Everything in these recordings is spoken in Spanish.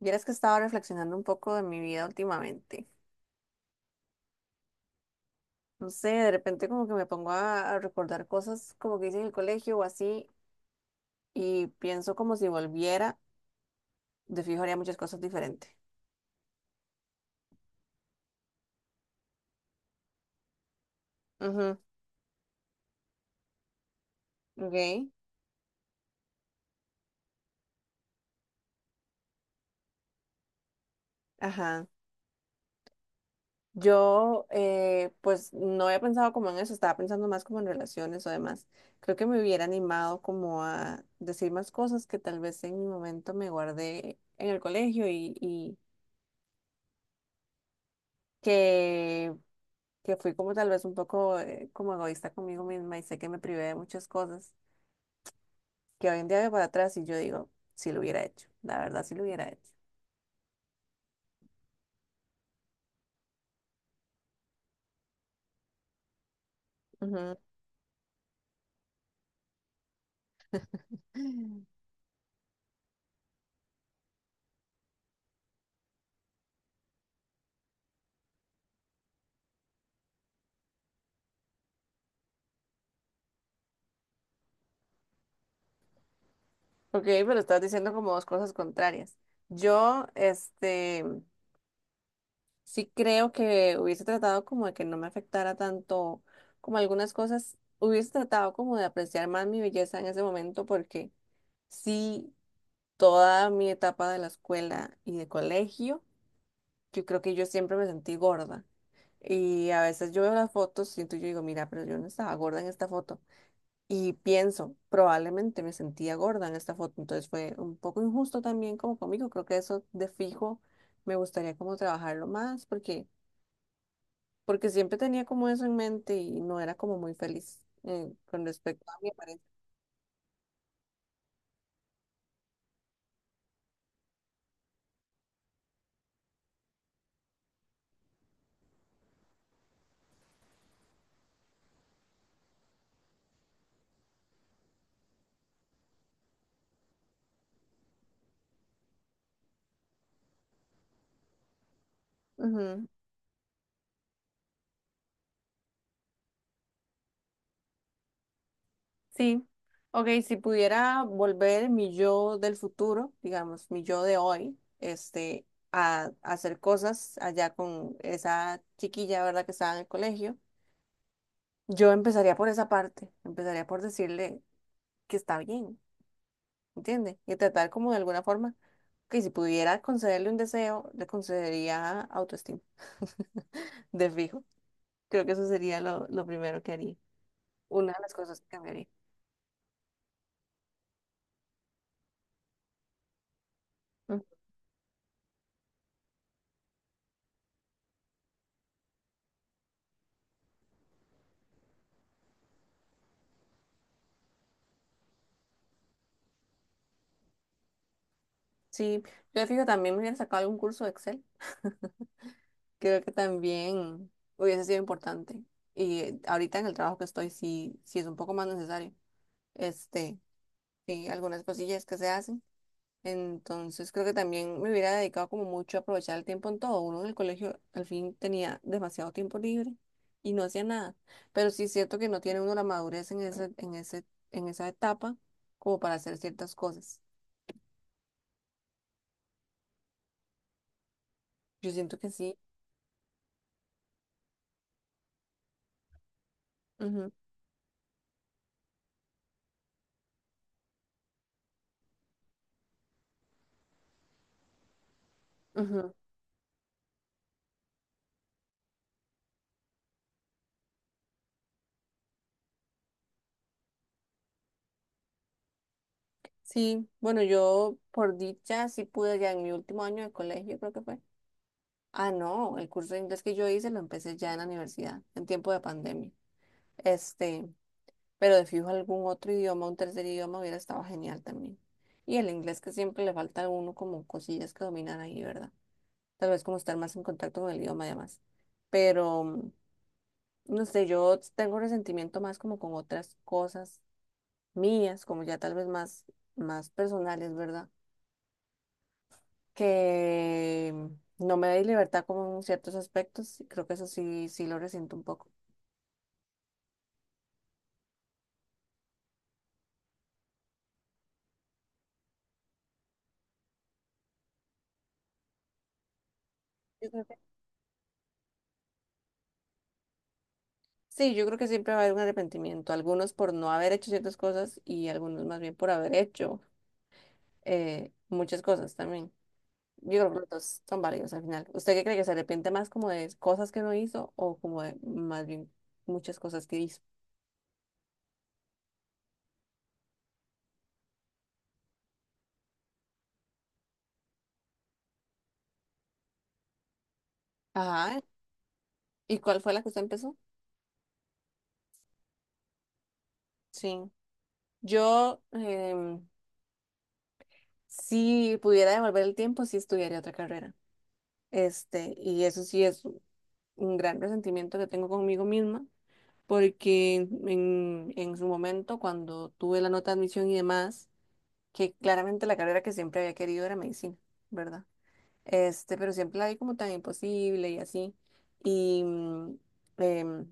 Vieras que estaba reflexionando un poco de mi vida últimamente. No sé, de repente como que me pongo a recordar cosas como que hice en el colegio o así y pienso como si volviera, de fijo haría muchas cosas diferentes. Ujú, ok, ajá. Yo pues no había pensado como en eso, estaba pensando más como en relaciones o demás. Creo que me hubiera animado como a decir más cosas que tal vez en mi momento me guardé en el colegio y que que fui como tal vez un poco como egoísta conmigo misma y sé que me privé de muchas cosas que hoy en día veo para atrás y yo digo, si lo hubiera hecho, la verdad si lo hubiera hecho. Ujú. Ok, pero estás diciendo como dos cosas contrarias. Yo, este, sí creo que hubiese tratado como de que no me afectara tanto como algunas cosas, hubiese tratado como de apreciar más mi belleza en ese momento porque sí, toda mi etapa de la escuela y de colegio, yo creo que yo siempre me sentí gorda. Y a veces yo veo las fotos, siento y yo digo, mira, pero yo no estaba gorda en esta foto. Y pienso, probablemente me sentía gorda en esta foto. Entonces fue un poco injusto también como conmigo. Creo que eso de fijo me gustaría como trabajarlo más porque siempre tenía como eso en mente y no era como muy feliz con respecto a mi apariencia. Sí, ok, si pudiera volver mi yo del futuro, digamos, mi yo de hoy, a hacer cosas allá con esa chiquilla, ¿verdad? Que estaba en el colegio, yo empezaría por esa parte, empezaría por decirle que está bien, ¿entiende? Y tratar como de alguna forma que si pudiera concederle un deseo, le concedería autoestima, de fijo. Creo que eso sería lo primero que haría, una de las cosas que cambiaría. Mm, sí, yo de fijo también me hubiera sacado algún curso de Excel. Creo que también hubiese sido importante. Y ahorita en el trabajo que estoy, sí, sí es un poco más necesario. Este, sí, algunas cosillas que se hacen. Entonces creo que también me hubiera dedicado como mucho a aprovechar el tiempo en todo. Uno en el colegio al fin tenía demasiado tiempo libre y no hacía nada. Pero sí es cierto que no tiene uno la madurez en esa etapa como para hacer ciertas cosas. Yo siento que sí. Ujú, ujú. Sí, bueno, yo por dicha sí pude ya en mi último año de colegio, creo que fue. Ah, no, el curso de inglés que yo hice lo empecé ya en la universidad, en tiempo de pandemia. Este, pero de fijo algún otro idioma, un tercer idioma hubiera estado genial también. Y el inglés que siempre le falta a uno como cosillas que dominar ahí, ¿verdad? Tal vez como estar más en contacto con el idioma además. Pero, mm, no sé, yo tengo resentimiento más como con otras cosas mías, como ya más personales, ¿verdad? Que no me da libertad como en ciertos aspectos, y creo que eso sí, sí lo resiento un poco. Yo creo que- Sí, yo creo que siempre va a haber un arrepentimiento, algunos por no haber hecho ciertas cosas y algunos más bien por haber hecho muchas cosas también. Yo creo que los dos son válidos al final. ¿Usted qué cree que se arrepiente más como de cosas que no hizo o como de más bien muchas cosas que hizo? Ajá. ¿Y cuál fue la que usted empezó? Sí. Yo, em, si pudiera devolver el tiempo, sí estudiaría otra carrera. Este, y eso sí es un gran resentimiento que tengo conmigo misma, porque en su momento, cuando tuve la nota de admisión y demás, que claramente la carrera que siempre había querido era medicina, ¿verdad? Este, pero siempre la vi como tan imposible y así. Y em,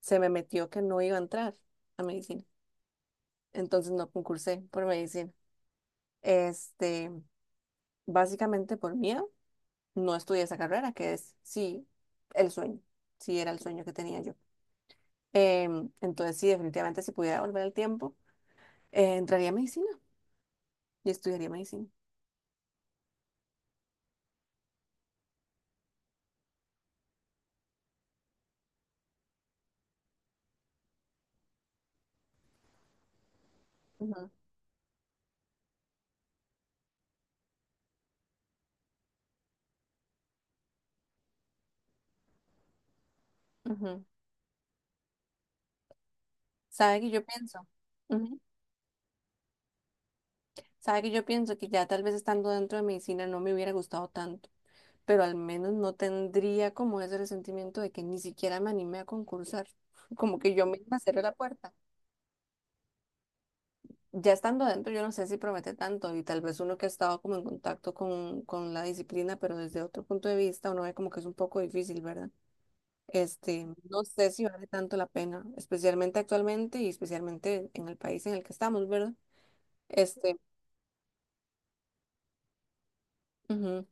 se me metió que no iba a entrar a medicina. Entonces no concursé por medicina. Este, básicamente por miedo, no estudié esa carrera, que es sí el sueño, sí era el sueño que tenía yo. Entonces, sí, definitivamente, si pudiera volver al tiempo, entraría a medicina y estudiaría medicina. Ujú, ujú. ¿Sabe que yo pienso? Ujú. ¿Sabe que yo pienso que ya tal vez estando dentro de medicina no me hubiera gustado tanto, pero al menos no tendría como ese resentimiento de que ni siquiera me animé a concursar, como que yo misma cerré la puerta? Ya estando dentro, yo no sé si promete tanto y tal vez uno que ha estado como en contacto con la disciplina, pero desde otro punto de vista, uno ve como que es un poco difícil, ¿verdad? Este, no sé si vale tanto la pena, especialmente actualmente y especialmente en el país en el que estamos, ¿verdad? Este, ujú.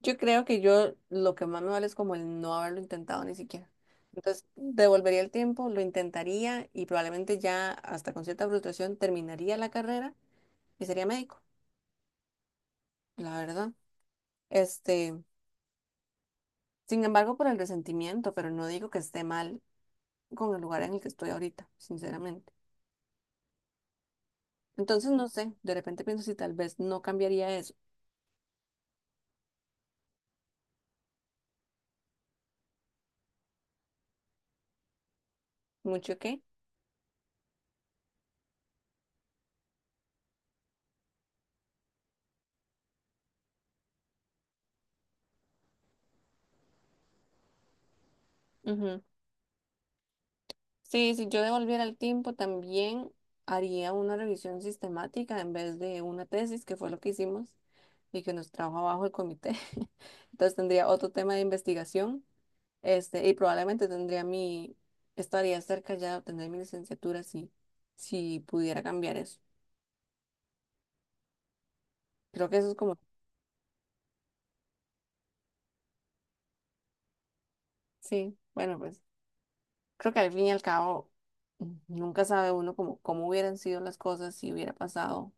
Yo creo que yo lo que más me vale es como el no haberlo intentado ni siquiera. Entonces, devolvería el tiempo, lo intentaría y probablemente ya hasta con cierta frustración terminaría la carrera y sería médico, la verdad. Este, sin embargo, por el resentimiento, pero no digo que esté mal con el lugar en el que estoy ahorita, sinceramente. Entonces, no sé, de repente pienso si tal vez no cambiaría eso. ¿Mucho qué? Ujú. Sí, si yo devolviera el tiempo, también haría una revisión sistemática en vez de una tesis, que fue lo que hicimos y que nos trajo abajo el comité. Entonces tendría otro tema de investigación, y probablemente estaría cerca ya de obtener mi licenciatura si pudiera cambiar eso. Creo que eso es como, sí, bueno, pues creo que al fin y al cabo mm, nunca sabe uno como cómo hubieran sido las cosas si hubiera pasado,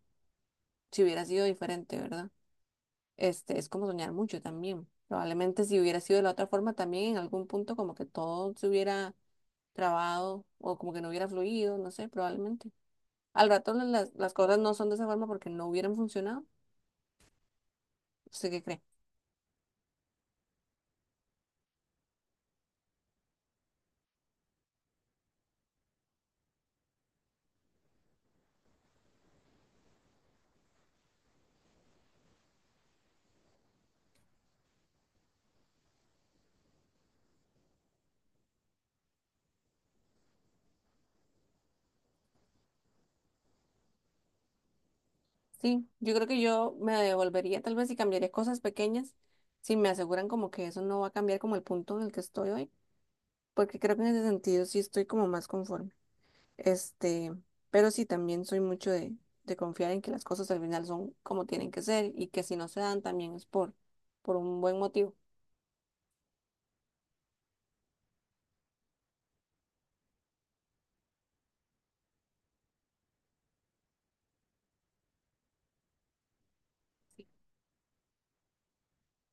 si hubiera sido diferente, ¿verdad? Este, es como soñar mucho también. Probablemente si hubiera sido de la otra forma también en algún punto como que todo se hubiera trabado o como que no hubiera fluido, no sé, probablemente. Al rato las cosas no son de esa forma porque no hubieran funcionado. ¿Usted qué cree? Sí, yo creo que yo me devolvería tal vez y cambiaría cosas pequeñas si me aseguran como que eso no va a cambiar como el punto en el que estoy hoy, porque creo que en ese sentido sí estoy como más conforme. Este, pero sí, también soy mucho de confiar en que las cosas al final son como tienen que ser y que si no se dan también es por un buen motivo.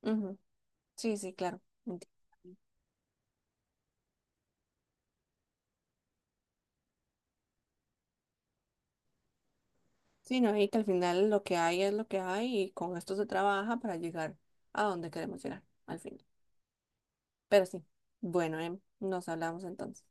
Ujú. Sí, sí, claro. enti- Sí, no, y que al final lo que hay es lo que hay y con esto se trabaja para llegar a donde queremos llegar al final. Pero sí, bueno, nos hablamos entonces.